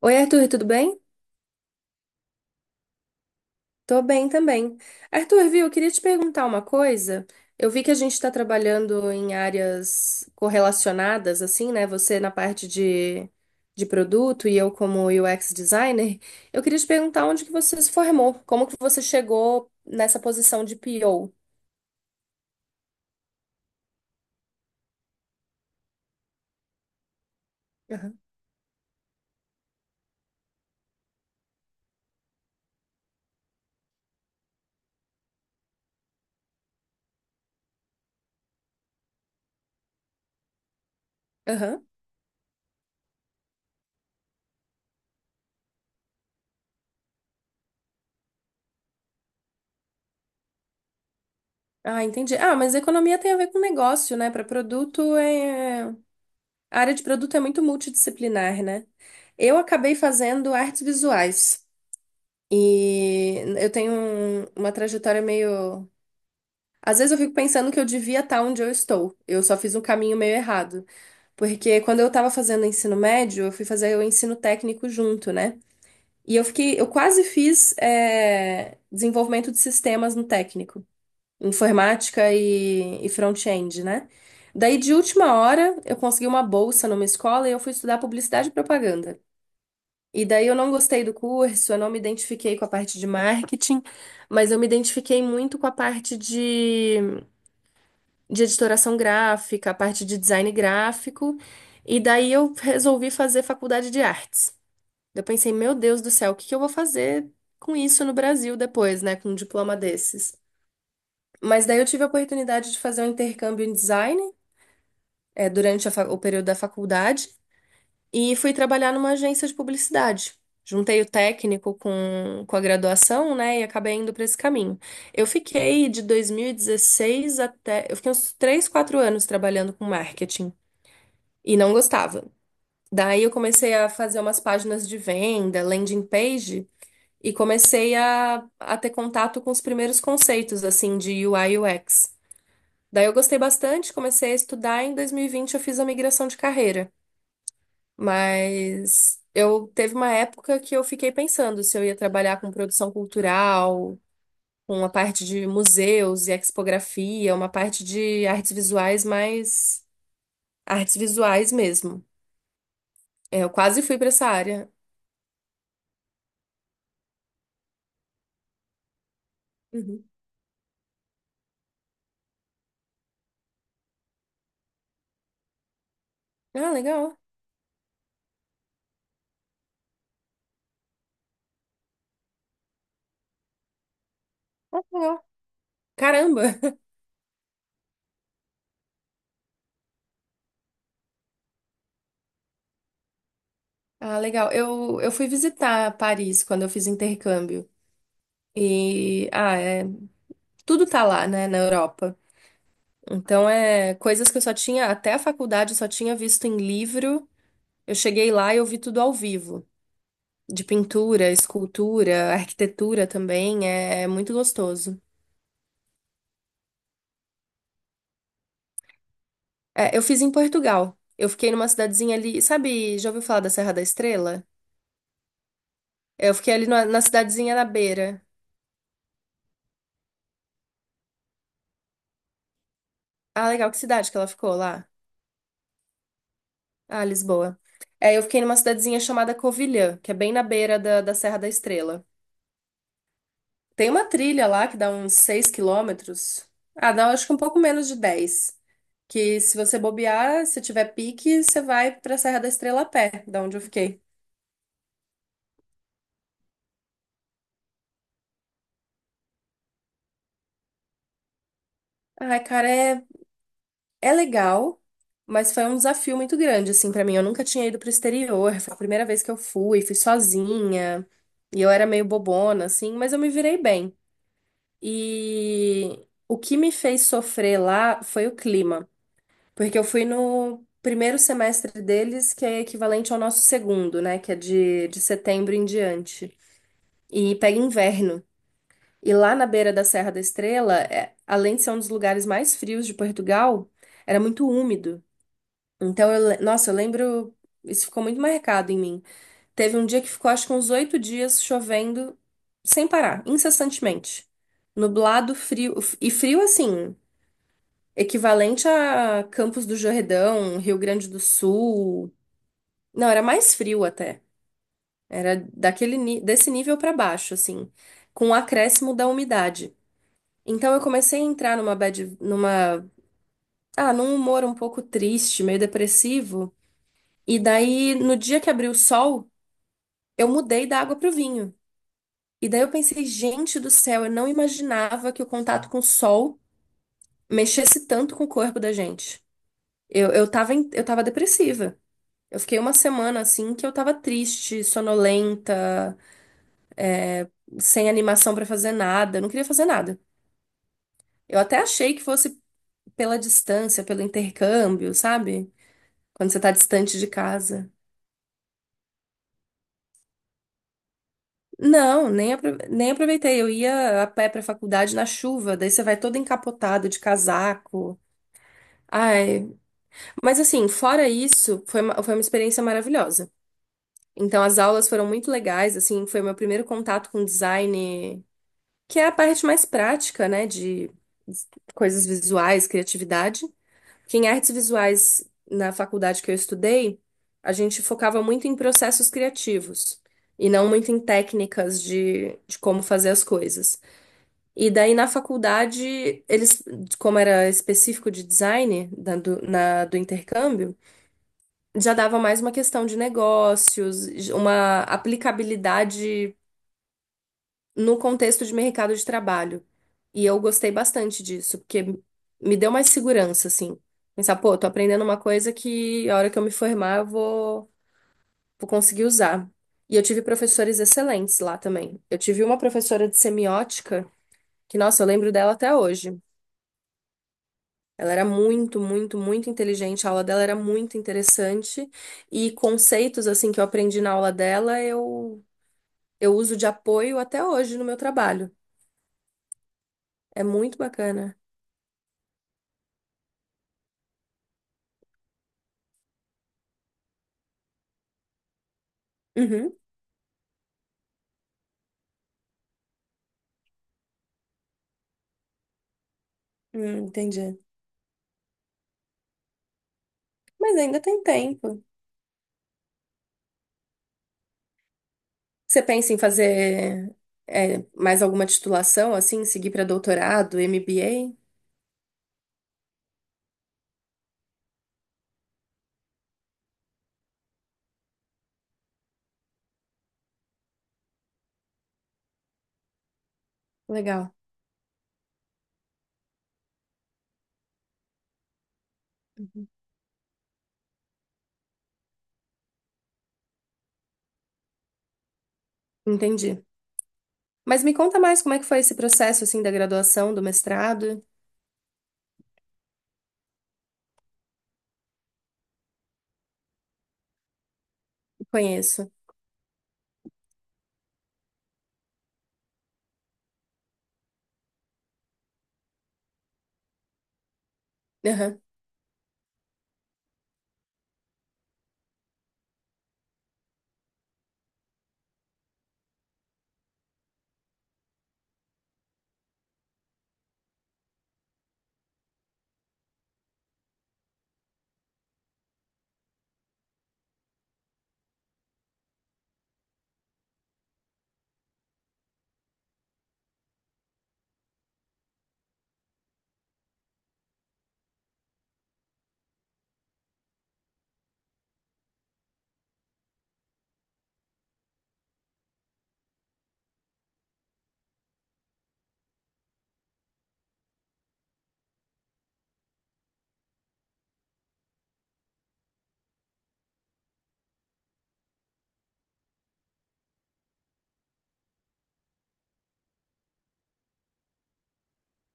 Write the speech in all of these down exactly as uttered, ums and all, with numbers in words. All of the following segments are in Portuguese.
Oi, Arthur, tudo bem? Tô bem também. Arthur, viu, eu queria te perguntar uma coisa. Eu vi que a gente está trabalhando em áreas correlacionadas, assim, né? Você na parte de, de produto e eu como U X designer. Eu queria te perguntar onde que você se formou, como que você chegou nessa posição de P O. Aham. Aham. Ah, entendi. Ah, mas economia tem a ver com negócio, né? Para produto é. A área de produto é muito multidisciplinar, né? Eu acabei fazendo artes visuais. E eu tenho um- uma trajetória meio. Às vezes eu fico pensando que eu devia estar onde eu estou. Eu só fiz um caminho meio errado. Porque quando eu estava fazendo ensino médio, eu fui fazer o ensino técnico junto, né? E eu fiquei, eu quase fiz é, desenvolvimento de sistemas no técnico, informática e, e front-end, né? Daí, de última hora, eu consegui uma bolsa numa escola e eu fui estudar publicidade e propaganda. E daí eu não gostei do curso, eu não me identifiquei com a parte de marketing, mas eu me identifiquei muito com a parte de, de editoração gráfica, a parte de design gráfico, e daí eu resolvi fazer faculdade de artes. Eu pensei, meu Deus do céu, o que que eu vou fazer com isso no Brasil depois, né, com um diploma desses? Mas daí eu tive a oportunidade de fazer um intercâmbio em design, eh, durante a fa- o período da faculdade. E fui trabalhar numa agência de publicidade. Juntei o técnico com, com a graduação, né, e acabei indo para esse caminho. Eu fiquei de dois mil e dezesseis até. Eu fiquei uns três quatro anos trabalhando com marketing e não gostava. Daí eu comecei a fazer umas páginas de venda, landing page, e comecei a, a ter contato com os primeiros conceitos, assim, de U I e U X. Daí eu gostei bastante, comecei a estudar. Em dois mil e vinte eu fiz a migração de carreira. Mas eu teve uma época que eu fiquei pensando se eu ia trabalhar com produção cultural, com a parte de museus e expografia, uma parte de artes visuais mais artes visuais mesmo. É, eu quase fui para essa área. Uhum. Ah, legal. Ah, legal. Caramba. Ah, legal. Eu, eu fui visitar Paris quando eu fiz intercâmbio. E, ah, é, tudo tá lá, né, na Europa. Então, é coisas que eu só tinha, até a faculdade, eu só tinha visto em livro. Eu cheguei lá e eu vi tudo ao vivo, de pintura, escultura, arquitetura também, é é muito gostoso. É, eu fiz em Portugal. Eu fiquei numa cidadezinha ali, sabe, já ouviu falar da Serra da Estrela? Eu fiquei ali na, na cidadezinha na beira. Ah, legal, que cidade que ela ficou lá? Ah, Lisboa. É, eu fiquei numa cidadezinha chamada Covilhã, que é bem na beira da, da Serra da Estrela. Tem uma trilha lá que dá uns seis quilômetros. Ah, dá acho que um pouco menos de dez. Que se você bobear, se tiver pique, você vai pra Serra da Estrela a pé, da onde eu fiquei. Ai, cara, é, é legal, mas foi um desafio muito grande, assim, pra mim. Eu nunca tinha ido pro exterior, foi a primeira vez que eu fui, fui sozinha, e eu era meio bobona, assim, mas eu me virei bem. E o que me fez sofrer lá foi o clima. Porque eu fui no primeiro semestre deles, que é equivalente ao nosso segundo, né? Que é de, de setembro em diante. E pega inverno. E lá na beira da Serra da Estrela, é- além de ser um dos lugares mais frios de Portugal, era muito úmido. Então, eu, le- nossa, eu lembro. Isso ficou muito marcado em mim. Teve um dia que ficou, acho que uns oito dias chovendo sem parar, incessantemente. Nublado, frio. E frio assim equivalente a Campos do Jordão, Rio Grande do Sul. Não, era mais frio até. Era daquele, ni- desse nível para baixo, assim, com o acréscimo da umidade. Então eu comecei a entrar numa bad, numa, ah, num humor um pouco triste, meio depressivo. E daí, no dia que abriu o sol, eu mudei da água pro vinho. E daí eu pensei, gente do céu, eu não imaginava que o contato com o sol mexesse tanto com o corpo da gente. Eu, eu tava, em- eu tava depressiva. Eu fiquei uma semana assim que eu tava triste, sonolenta, é, sem animação pra fazer nada, eu não queria fazer nada. Eu até achei que fosse pela distância, pelo intercâmbio, sabe? Quando você tá distante de casa. Não, nem, apro- nem aproveitei. Eu ia a pé pra faculdade na chuva, daí você vai todo encapotado de casaco. Ai, mas assim, fora isso, foi uma, foi uma experiência maravilhosa. Então, as aulas foram muito legais, assim, foi meu primeiro contato com design que é a parte mais prática, né, de coisas visuais, criatividade. Que em artes visuais, na faculdade que eu estudei, a gente focava muito em processos criativos e não muito em técnicas de, de como fazer as coisas. E daí na faculdade, eles, como era específico de design da- do, na- do intercâmbio, já dava mais uma questão de negócios, uma aplicabilidade no contexto de mercado de trabalho. E eu gostei bastante disso, porque me deu mais segurança, assim. Pensar, pô, tô aprendendo uma coisa que a hora que eu me formar eu vou, vou conseguir usar. E eu tive professores excelentes lá também. Eu tive uma professora de semiótica, que, nossa, eu lembro dela até hoje. Ela era muito, muito, muito inteligente, a aula dela era muito interessante e conceitos assim que eu aprendi na aula dela, eu eu uso de apoio até hoje no meu trabalho. É muito bacana. Uhum. Hum, entendi. Mas ainda tem tempo. Você pensa em fazer é, mais alguma titulação, assim, seguir para doutorado, M B A? Legal. Entendi. Mas me conta mais como é que foi esse processo, assim, da graduação, do mestrado? Conheço. Aham.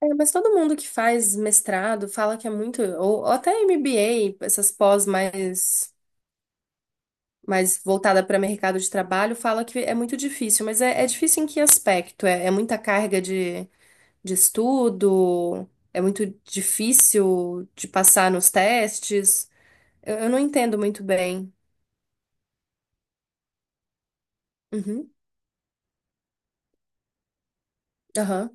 É, mas todo mundo que faz mestrado fala que é muito, ou, ou até M B A, essas pós mais, mais voltada para mercado de trabalho, fala que é muito difícil. Mas é, é difícil em que aspecto? É, é muita carga de de estudo, é muito difícil de passar nos testes. Eu, eu não entendo muito bem. Uhum, aham,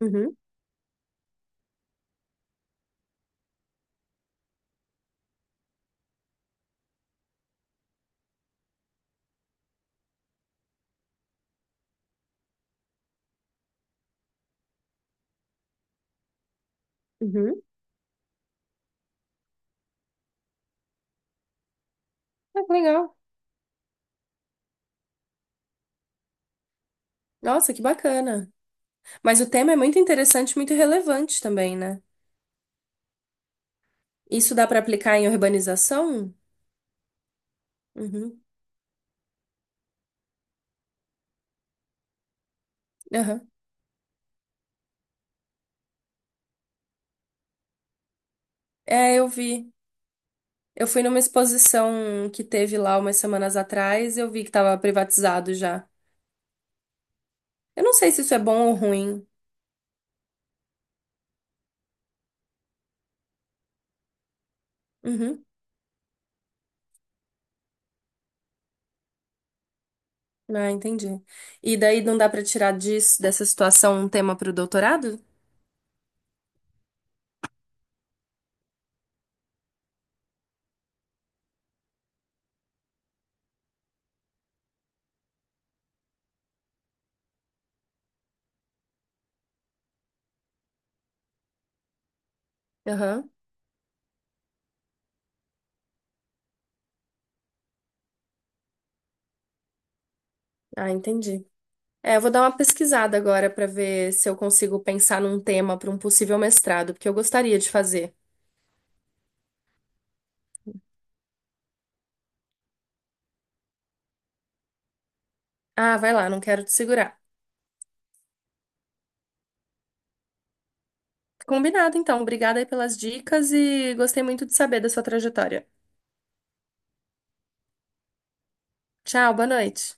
uhum, uhum. Ah, que legal. Nossa, que bacana. Mas o tema é muito interessante, muito relevante também, né? Isso dá para aplicar em urbanização? Uhum, aham. É, eu vi. Eu fui numa exposição que teve lá umas semanas atrás, eu vi que estava privatizado já. Eu não sei se isso é bom ou ruim. Uhum. Ah, entendi. E daí não dá pra tirar disso, dessa situação um tema pro doutorado? Aham. Ah, entendi. É, eu vou dar uma pesquisada agora pra ver se eu consigo pensar num tema pra um possível mestrado, porque eu gostaria de fazer. Ah, vai lá, não quero te segurar. Combinado, então. Obrigada aí pelas dicas e gostei muito de saber da sua trajetória. Tchau, boa noite.